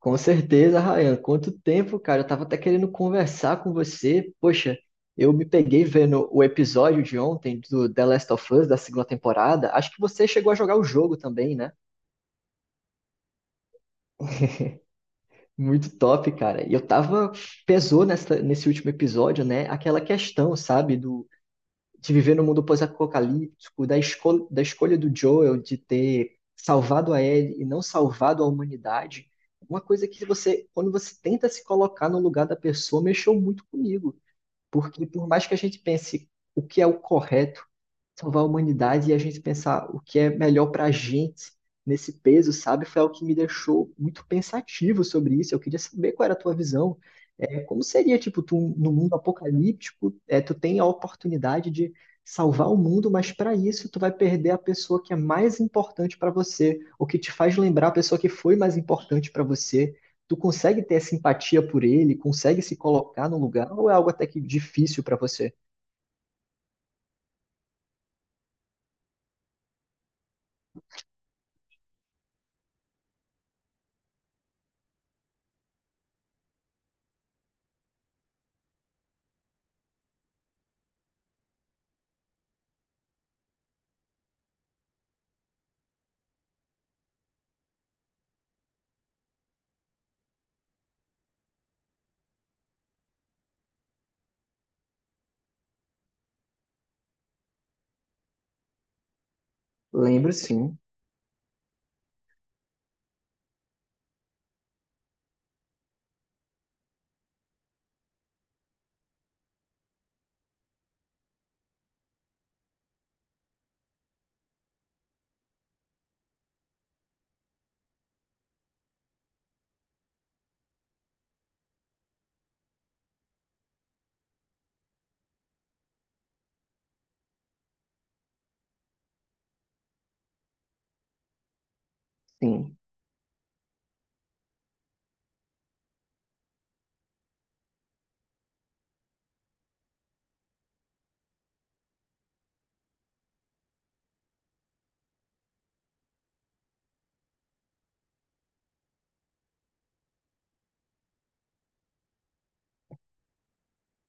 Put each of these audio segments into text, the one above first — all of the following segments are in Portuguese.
Com certeza, Ryan. Quanto tempo, cara. Eu tava até querendo conversar com você. Poxa, eu me peguei vendo o episódio de ontem do The Last of Us, da segunda temporada. Acho que você chegou a jogar o jogo também, né? Muito top, cara. E eu tava. Pesou nesse último episódio, né? Aquela questão, sabe? Do de viver no mundo pós-apocalíptico, da escolha do Joel de ter salvado a Ellie e não salvado a humanidade, uma coisa que quando você tenta se colocar no lugar da pessoa, mexeu muito comigo. Porque por mais que a gente pense o que é o correto, salvar a humanidade e a gente pensar o que é melhor para a gente nesse peso, sabe? Foi algo que me deixou muito pensativo sobre isso. Eu queria saber qual era a tua visão. Como seria, tipo, tu, no mundo apocalíptico, tu tem a oportunidade de salvar o mundo, mas para isso tu vai perder a pessoa que é mais importante para você, ou que te faz lembrar a pessoa que foi mais importante para você. Tu consegue ter simpatia por ele? Consegue se colocar no lugar? Ou é algo até que difícil para você? Lembro sim, sim.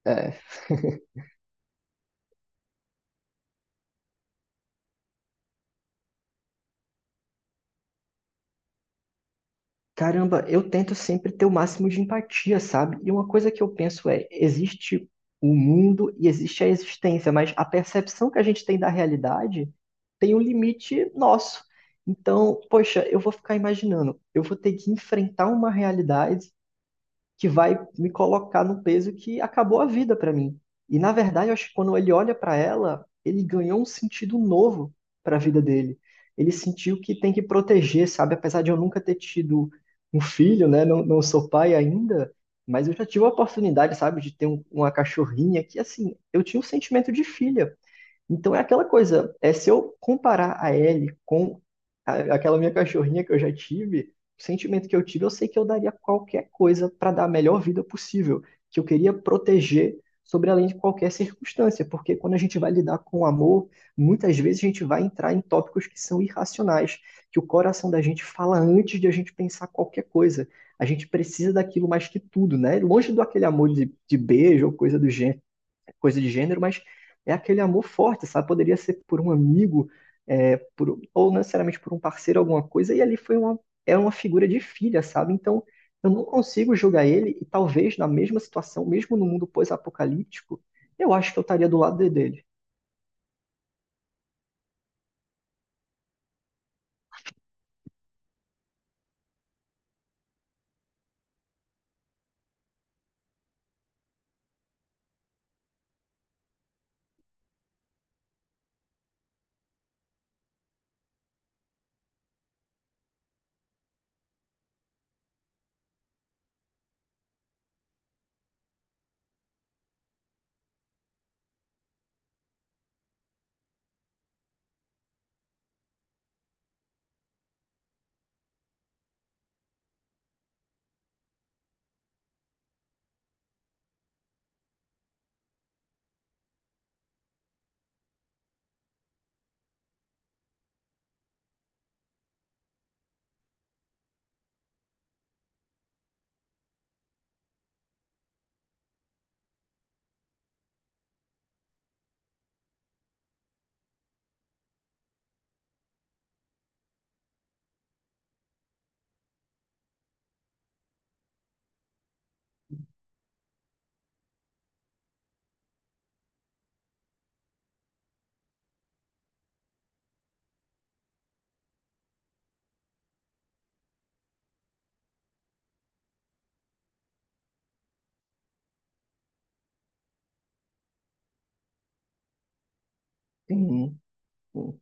É, Caramba, eu tento sempre ter o máximo de empatia, sabe? E uma coisa que eu penso é, existe o mundo e existe a existência, mas a percepção que a gente tem da realidade tem um limite nosso. Então, poxa, eu vou ficar imaginando, eu vou ter que enfrentar uma realidade que vai me colocar num peso que acabou a vida para mim. E na verdade, eu acho que quando ele olha para ela, ele ganhou um sentido novo para a vida dele. Ele sentiu que tem que proteger, sabe? Apesar de eu nunca ter tido um filho, né? Não sou pai ainda, mas eu já tive a oportunidade, sabe, de ter uma cachorrinha que, assim, eu tinha um sentimento de filha. Então é aquela coisa, é se eu comparar a Ellie com aquela minha cachorrinha que eu já tive, o sentimento que eu tive, eu sei que eu daria qualquer coisa para dar a melhor vida possível, que eu queria proteger sobre além de qualquer circunstância, porque quando a gente vai lidar com o amor, muitas vezes a gente vai entrar em tópicos que são irracionais, que o coração da gente fala antes de a gente pensar qualquer coisa. A gente precisa daquilo mais que tudo, né? Longe do aquele amor de beijo ou coisa do gênero coisa de gênero, mas é aquele amor forte, sabe? Poderia ser por um amigo, ou não necessariamente por um parceiro, alguma coisa, e ali foi uma figura de filha, sabe? Então, eu não consigo julgar ele, e talvez na mesma situação, mesmo no mundo pós-apocalíptico, eu acho que eu estaria do lado dele. Uhum, uhum.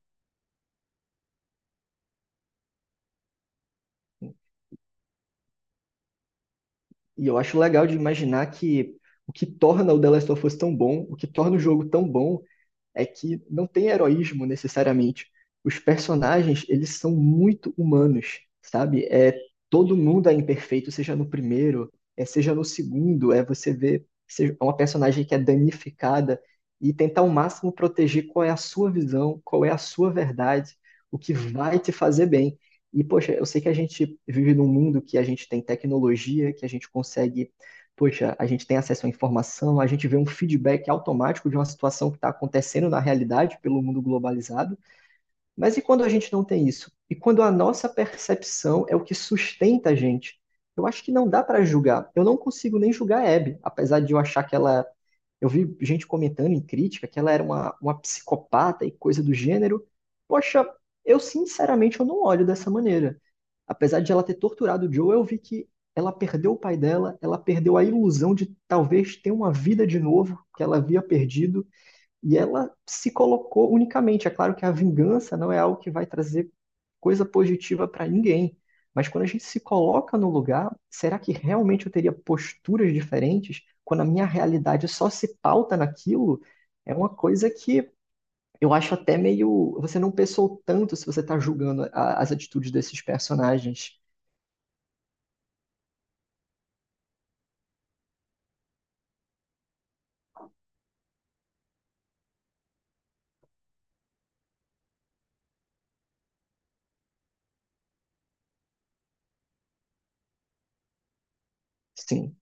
E eu acho legal de imaginar que o que torna o The Last of Us tão bom, o que torna o jogo tão bom, é que não tem heroísmo necessariamente. Os personagens, eles são muito humanos, sabe? Todo mundo é imperfeito, seja no primeiro, seja no segundo, é você ver é uma personagem que é danificada e tentar ao máximo proteger qual é a sua visão, qual é a sua verdade, o que vai te fazer bem. E, poxa, eu sei que a gente vive num mundo que a gente tem tecnologia, que a gente consegue poxa, a gente tem acesso à informação, a gente vê um feedback automático de uma situação que está acontecendo na realidade pelo mundo globalizado. Mas e quando a gente não tem isso? E quando a nossa percepção é o que sustenta a gente? Eu acho que não dá para julgar. Eu não consigo nem julgar a Abby, apesar de eu achar que ela. Eu vi gente comentando em crítica que ela era uma psicopata e coisa do gênero. Poxa, eu sinceramente eu não olho dessa maneira. Apesar de ela ter torturado o Joe, eu vi que ela perdeu o pai dela, ela perdeu a ilusão de talvez ter uma vida de novo que ela havia perdido, e ela se colocou unicamente. É claro que a vingança não é algo que vai trazer coisa positiva para ninguém, mas quando a gente se coloca no lugar, será que realmente eu teria posturas diferentes quando a minha realidade só se pauta naquilo? É uma coisa que eu acho até meio. Você não pensou tanto se você está julgando as atitudes desses personagens. Sim.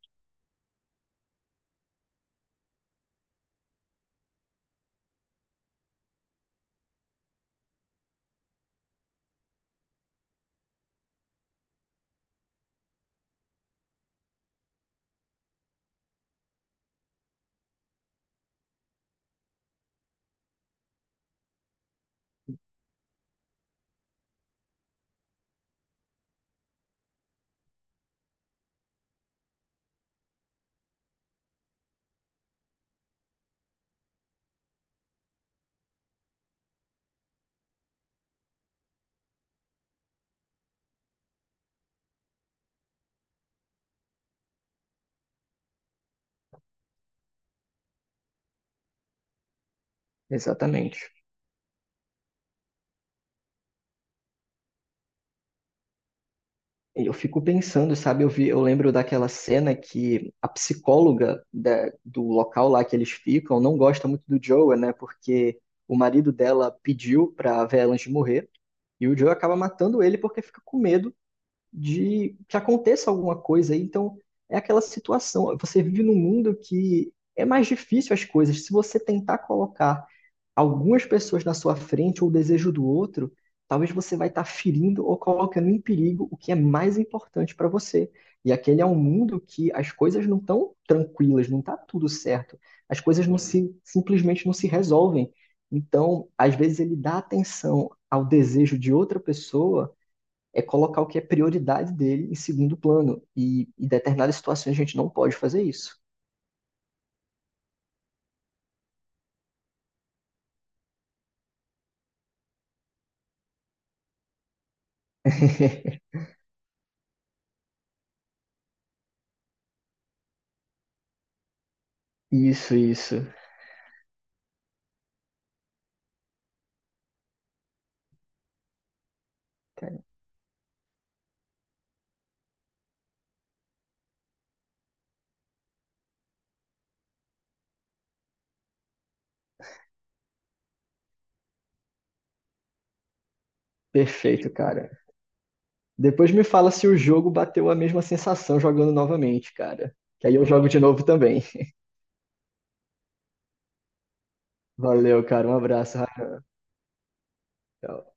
Exatamente. Eu fico pensando, sabe? Eu vi, eu lembro daquela cena que a psicóloga do local lá que eles ficam não gosta muito do Joe, né? Porque o marido dela pediu pra Velange morrer e o Joe acaba matando ele porque fica com medo de que aconteça alguma coisa aí. Então, é aquela situação. Você vive num mundo que é mais difícil as coisas. Se você tentar colocar algumas pessoas na sua frente ou o desejo do outro, talvez você vai estar ferindo ou colocando em perigo o que é mais importante para você. E aquele é um mundo que as coisas não estão tranquilas, não está tudo certo. As coisas não se simplesmente não se resolvem. Então, às vezes ele dá atenção ao desejo de outra pessoa é colocar o que é prioridade dele em segundo plano. E em determinadas situações a gente não pode fazer isso. Isso, isso. Cara, perfeito, cara. Depois me fala se o jogo bateu a mesma sensação jogando novamente, cara. Que aí eu jogo de novo também. Valeu, cara. Um abraço. Rafael.